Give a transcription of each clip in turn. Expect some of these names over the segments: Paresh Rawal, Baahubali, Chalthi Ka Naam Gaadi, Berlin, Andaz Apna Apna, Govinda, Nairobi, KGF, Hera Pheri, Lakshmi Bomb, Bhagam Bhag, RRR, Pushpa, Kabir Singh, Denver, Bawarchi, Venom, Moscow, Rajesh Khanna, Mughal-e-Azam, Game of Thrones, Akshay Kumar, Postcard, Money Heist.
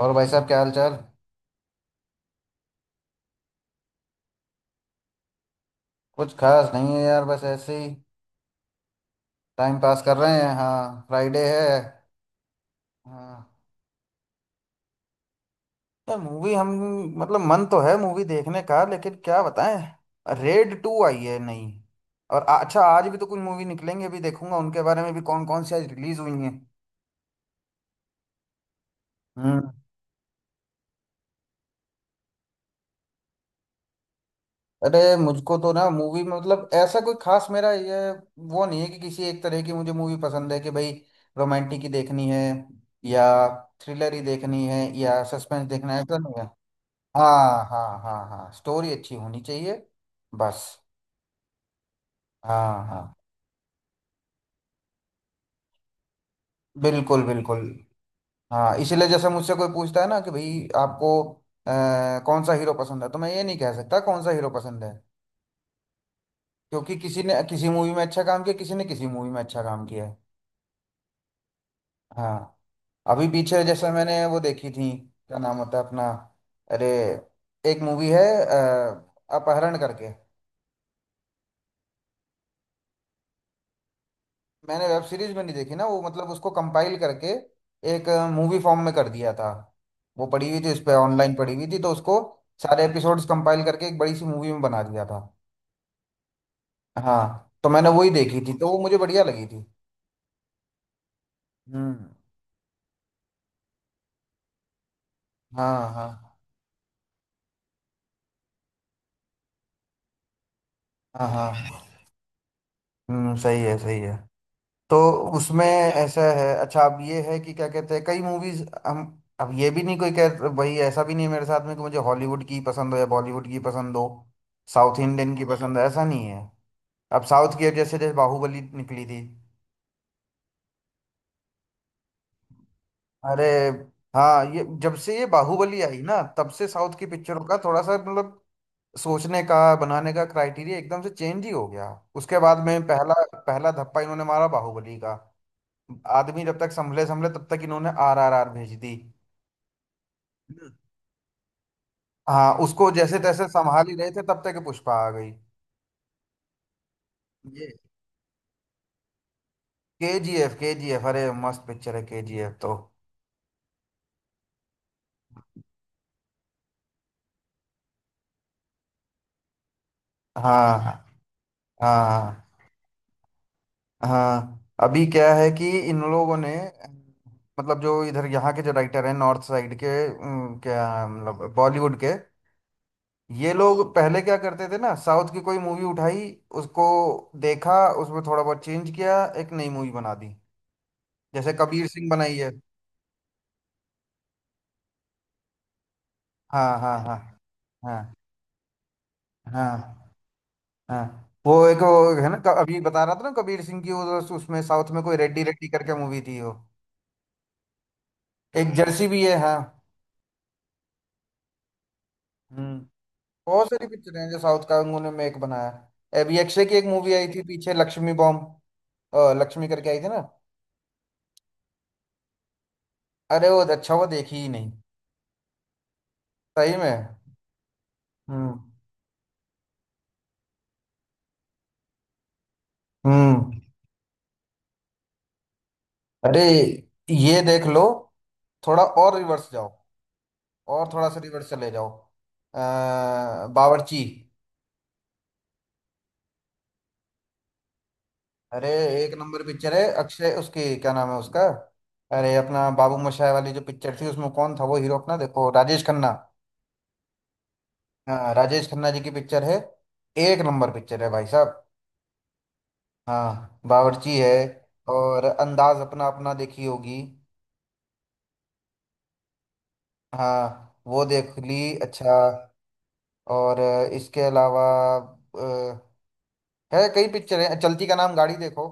और भाई साहब, क्या हाल चाल। कुछ खास नहीं है यार, बस ऐसे ही टाइम पास कर रहे हैं। हाँ, फ्राइडे है। हाँ, यार मूवी हम मतलब मन तो है मूवी देखने का, लेकिन क्या बताएं रेड टू आई है नहीं। और अच्छा, आज भी तो कुछ मूवी निकलेंगे, अभी देखूंगा उनके बारे में भी, कौन कौन सी आज रिलीज हुई हैं। हम्म। अरे मुझको तो ना मूवी में मतलब ऐसा कोई खास मेरा ये वो नहीं है कि किसी एक तरह की मुझे मूवी पसंद है कि भाई रोमांटिक ही देखनी है या थ्रिलर ही देखनी है या सस्पेंस देखना है, ऐसा नहीं है। हाँ हाँ हाँ हाँ, स्टोरी अच्छी होनी चाहिए। बस। हाँ हाँ। बिल्कुल बिल्कुल। हाँ इसीलिए जैसे मुझसे कोई पूछता है ना कि भाई आपको कौन सा हीरो पसंद है, तो मैं ये नहीं कह सकता कौन सा हीरो पसंद है, क्योंकि किसी ने किसी मूवी में अच्छा काम किया, किसी ने किसी मूवी में अच्छा काम किया है। हाँ। अभी पीछे जैसे मैंने वो देखी थी, क्या नाम होता है अपना। अरे, एक मूवी है अपहरण करके। मैंने वेब सीरीज में नहीं देखी ना वो, मतलब उसको कंपाइल करके एक मूवी फॉर्म में कर दिया था। वो पड़ी हुई थी उस पे, ऑनलाइन पड़ी हुई थी, तो उसको सारे एपिसोड्स कंपाइल करके एक बड़ी सी मूवी में बना दिया था। हाँ, तो मैंने वही देखी थी, तो वो मुझे बढ़िया लगी थी। हम्म। हाँ हाँ हाँ हाँ। हम्म, सही है सही है। तो उसमें ऐसा है, अच्छा अब ये है कि क्या कहते हैं, कई मूवीज हम अब ये भी नहीं, कोई कह, वही ऐसा भी नहीं है मेरे साथ में कि मुझे हॉलीवुड की पसंद हो या बॉलीवुड की पसंद हो, साउथ इंडियन की पसंद हो, ऐसा नहीं है। अब साउथ की, अब जैसे जैसे बाहुबली निकली थी। अरे हाँ, ये जब से ये बाहुबली आई ना, तब से साउथ की पिक्चरों का थोड़ा सा मतलब सोचने का, बनाने का क्राइटेरिया एकदम से चेंज ही हो गया। उसके बाद में पहला पहला धप्पा इन्होंने मारा बाहुबली का। आदमी जब तक संभले संभले तब तक इन्होंने आर आर आर भेज दी ना। हाँ, उसको जैसे तैसे संभाल ही रहे थे तब तक पुष्पा आ गई। ये K G F. K G F, अरे मस्त पिक्चर है के जी एफ तो। हाँ हाँ हाँ। अभी क्या है कि इन लोगों ने, मतलब जो इधर यहाँ के जो राइटर हैं नॉर्थ साइड के, क्या मतलब बॉलीवुड के, ये लोग पहले क्या करते थे ना, साउथ की कोई मूवी उठाई, उसको देखा, उसमें थोड़ा बहुत चेंज किया, एक नई मूवी बना दी, जैसे कबीर सिंह बनाई है। हाँ हाँ हाँ। हाँ हाँ हाँ। वो एक वो है ना अभी बता रहा था ना कबीर सिंह की, वो तो उसमें साउथ में कोई रेड्डी रेड्डी करके मूवी थी वो। एक जर्सी भी है। हाँ। हम्म। बहुत सारी पिक्चर हैं जो साउथ का उन्होंने मेक बनाया है। अभी अक्षय की एक मूवी आई थी पीछे, लक्ष्मी बॉम्ब, लक्ष्मी करके आई थी ना। अरे वो अच्छा हुआ देखी ही नहीं। सही में। हम्म। हम्म। अरे ये देख लो, थोड़ा और रिवर्स जाओ, और थोड़ा सा रिवर्स चले जाओ। अ, बावर्ची। अरे एक नंबर पिक्चर है। अक्षय, उसकी क्या नाम है उसका, अरे अपना बाबू मोशाय वाली जो पिक्चर थी, उसमें कौन था वो हीरो अपना, देखो राजेश खन्ना। हाँ, राजेश खन्ना जी की पिक्चर है, एक नंबर पिक्चर है भाई साहब। हाँ, बावर्ची है। और अंदाज अपना अपना देखी होगी। हाँ वो देख ली। अच्छा। और इसके अलावा अ, है, कई पिक्चर है, चलती का नाम गाड़ी देखो।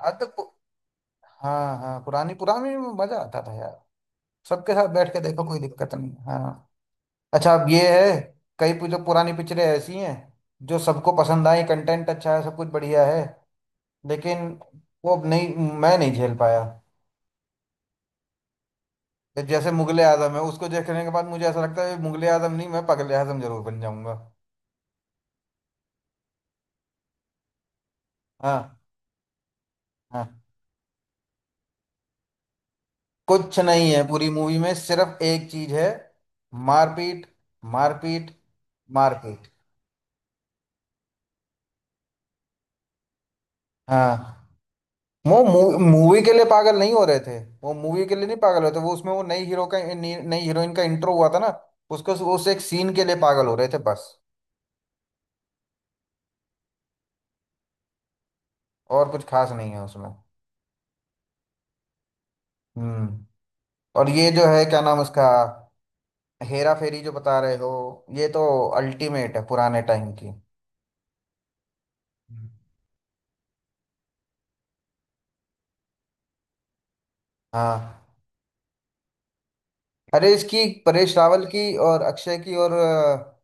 हाँ तो हाँ हाँ, पुरानी पुरानी में मजा आता था यार। सबके साथ बैठ के देखो कोई दिक्कत नहीं। हाँ, अच्छा अब ये है, कई जो पुरानी पिक्चरें ऐसी हैं जो सबको पसंद आई, कंटेंट अच्छा है, सब कुछ बढ़िया है, लेकिन वो अब नहीं, मैं नहीं झेल पाया। तो जैसे मुगले आजम है, उसको देखने के बाद मुझे ऐसा लगता है मुगले आजम नहीं, मैं पगले आजम जरूर बन जाऊंगा। हाँ। हाँ, कुछ नहीं है पूरी मूवी में, सिर्फ एक चीज है, मारपीट, मारपीट, मारपीट। हाँ, वो मूवी के लिए पागल नहीं हो रहे थे, वो मूवी के लिए नहीं पागल होते, वो उसमें वो नई हीरो का, नई नई हीरोइन का इंट्रो हुआ था ना, उसको, उस एक सीन के लिए पागल हो रहे थे बस, और कुछ खास नहीं है उसमें। हम्म। और ये जो है क्या नाम उसका, हेरा फेरी जो बता रहे हो, ये तो अल्टीमेट है पुराने टाइम की। हाँ। अरे इसकी, परेश रावल की और अक्षय की और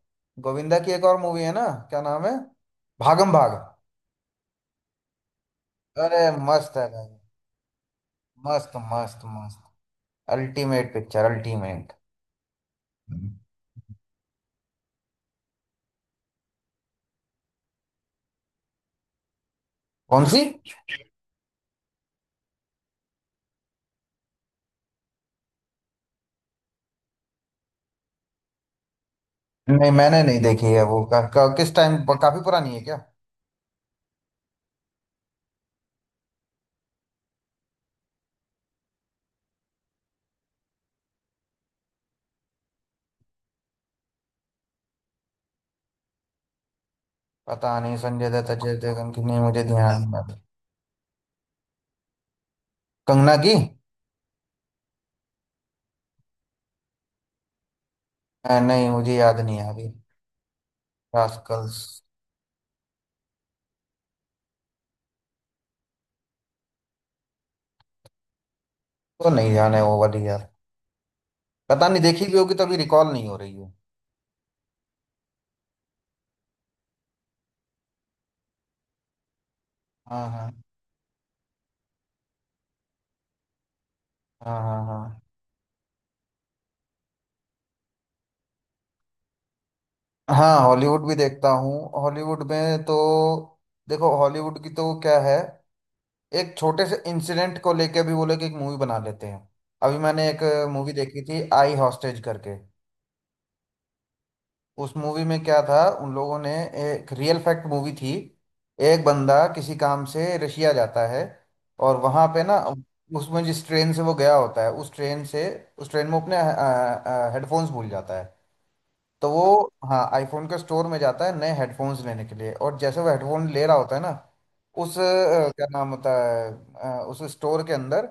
गोविंदा की एक और मूवी है ना, क्या नाम है, भागम भाग। अरे मस्त है भाई। मस्त, मस्त, मस्त, अल्टीमेट पिक्चर, अल्टीमेट। हम्म। कौन सी? नहीं मैंने नहीं देखी है वो किस टाइम? काफी पुरानी है क्या? पता नहीं, संजय दत्त अजय देवगन की नहीं मुझे ध्यान नहीं आ रही। कंगना की? नहीं मुझे याद नहीं आ रही। रास्कल्स, तो नहीं जाने वो वाली यार, पता नहीं, देखी भी होगी तभी रिकॉल नहीं हो रही है। हाँ हाँ। हाँ हाँ। हाँ हाँ। हॉलीवुड भी देखता हूँ। हॉलीवुड में तो, देखो हॉलीवुड की तो क्या है, एक छोटे से इंसिडेंट को लेके भी वो लोग एक मूवी बना लेते हैं। अभी मैंने एक मूवी देखी थी, आई हॉस्टेज करके। उस मूवी में क्या था, उन लोगों ने, एक रियल फैक्ट मूवी थी, एक बंदा किसी काम से रशिया जाता है और वहां पे ना उसमें जिस ट्रेन से वो गया होता है उस ट्रेन से, उस ट्रेन में वो अपने हेडफोन्स भूल जाता है। तो वो, हाँ, आईफोन के स्टोर में जाता है नए हेडफोन्स लेने के लिए, और जैसे वो हेडफोन ले रहा होता है ना, उस क्या नाम होता है, उस स्टोर के अंदर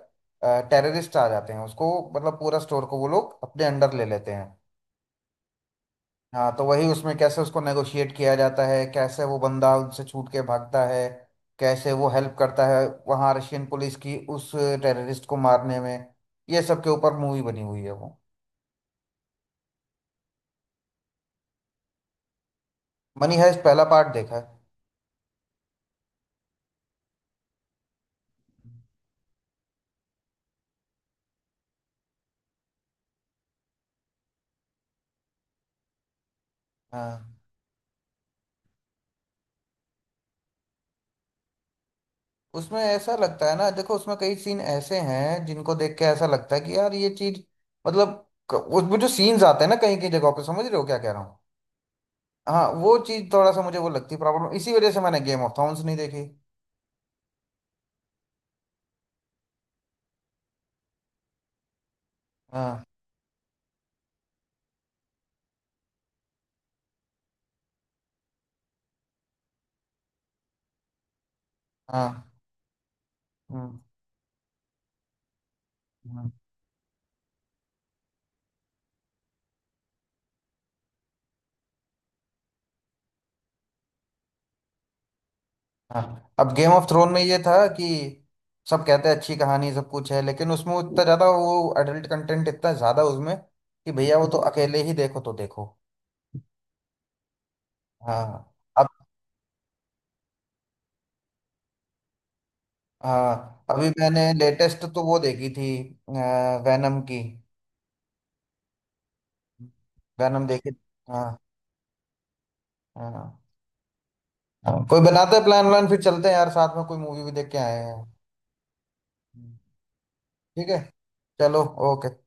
टेररिस्ट आ जाते हैं, उसको मतलब पूरा स्टोर को वो लोग अपने अंडर ले लेते हैं। हाँ, तो वही उसमें, कैसे उसको नेगोशिएट किया जाता है, कैसे वो बंदा उनसे छूट के भागता है, कैसे वो हेल्प करता है वहाँ रशियन पुलिस की उस टेररिस्ट को मारने में, ये सब के ऊपर मूवी बनी हुई है वो। मनी हाइस्ट पहला पार्ट देखा है। हाँ, उसमें ऐसा लगता है ना, देखो उसमें कई सीन ऐसे हैं जिनको देख के ऐसा लगता है कि यार ये चीज मतलब, उसमें जो सीन्स आते हैं ना कहीं कहीं जगहों पे, समझ रहे हो क्या कह रहा हूँ। हाँ, वो चीज थोड़ा सा मुझे वो लगती है प्रॉब्लम, इसी वजह से मैंने गेम ऑफ थ्रोन्स नहीं देखी। हाँ हाँ। हम्म। हम्म। हाँ, अब गेम ऑफ थ्रोन में ये था कि सब कहते हैं अच्छी कहानी सब कुछ है, लेकिन उसमें इतना ज्यादा वो एडल्ट कंटेंट इतना ज्यादा उसमें कि भैया वो तो अकेले ही देखो तो देखो। हाँ। हाँ, अभी मैंने लेटेस्ट तो वो देखी थी, वैनम की, वैनम देखी। हाँ। हाँ। हाँ। कोई बनाते प्लान व्लान, फिर चलते हैं यार साथ में कोई मूवी भी देख के आए हैं। ठीक है। चलो। ओके।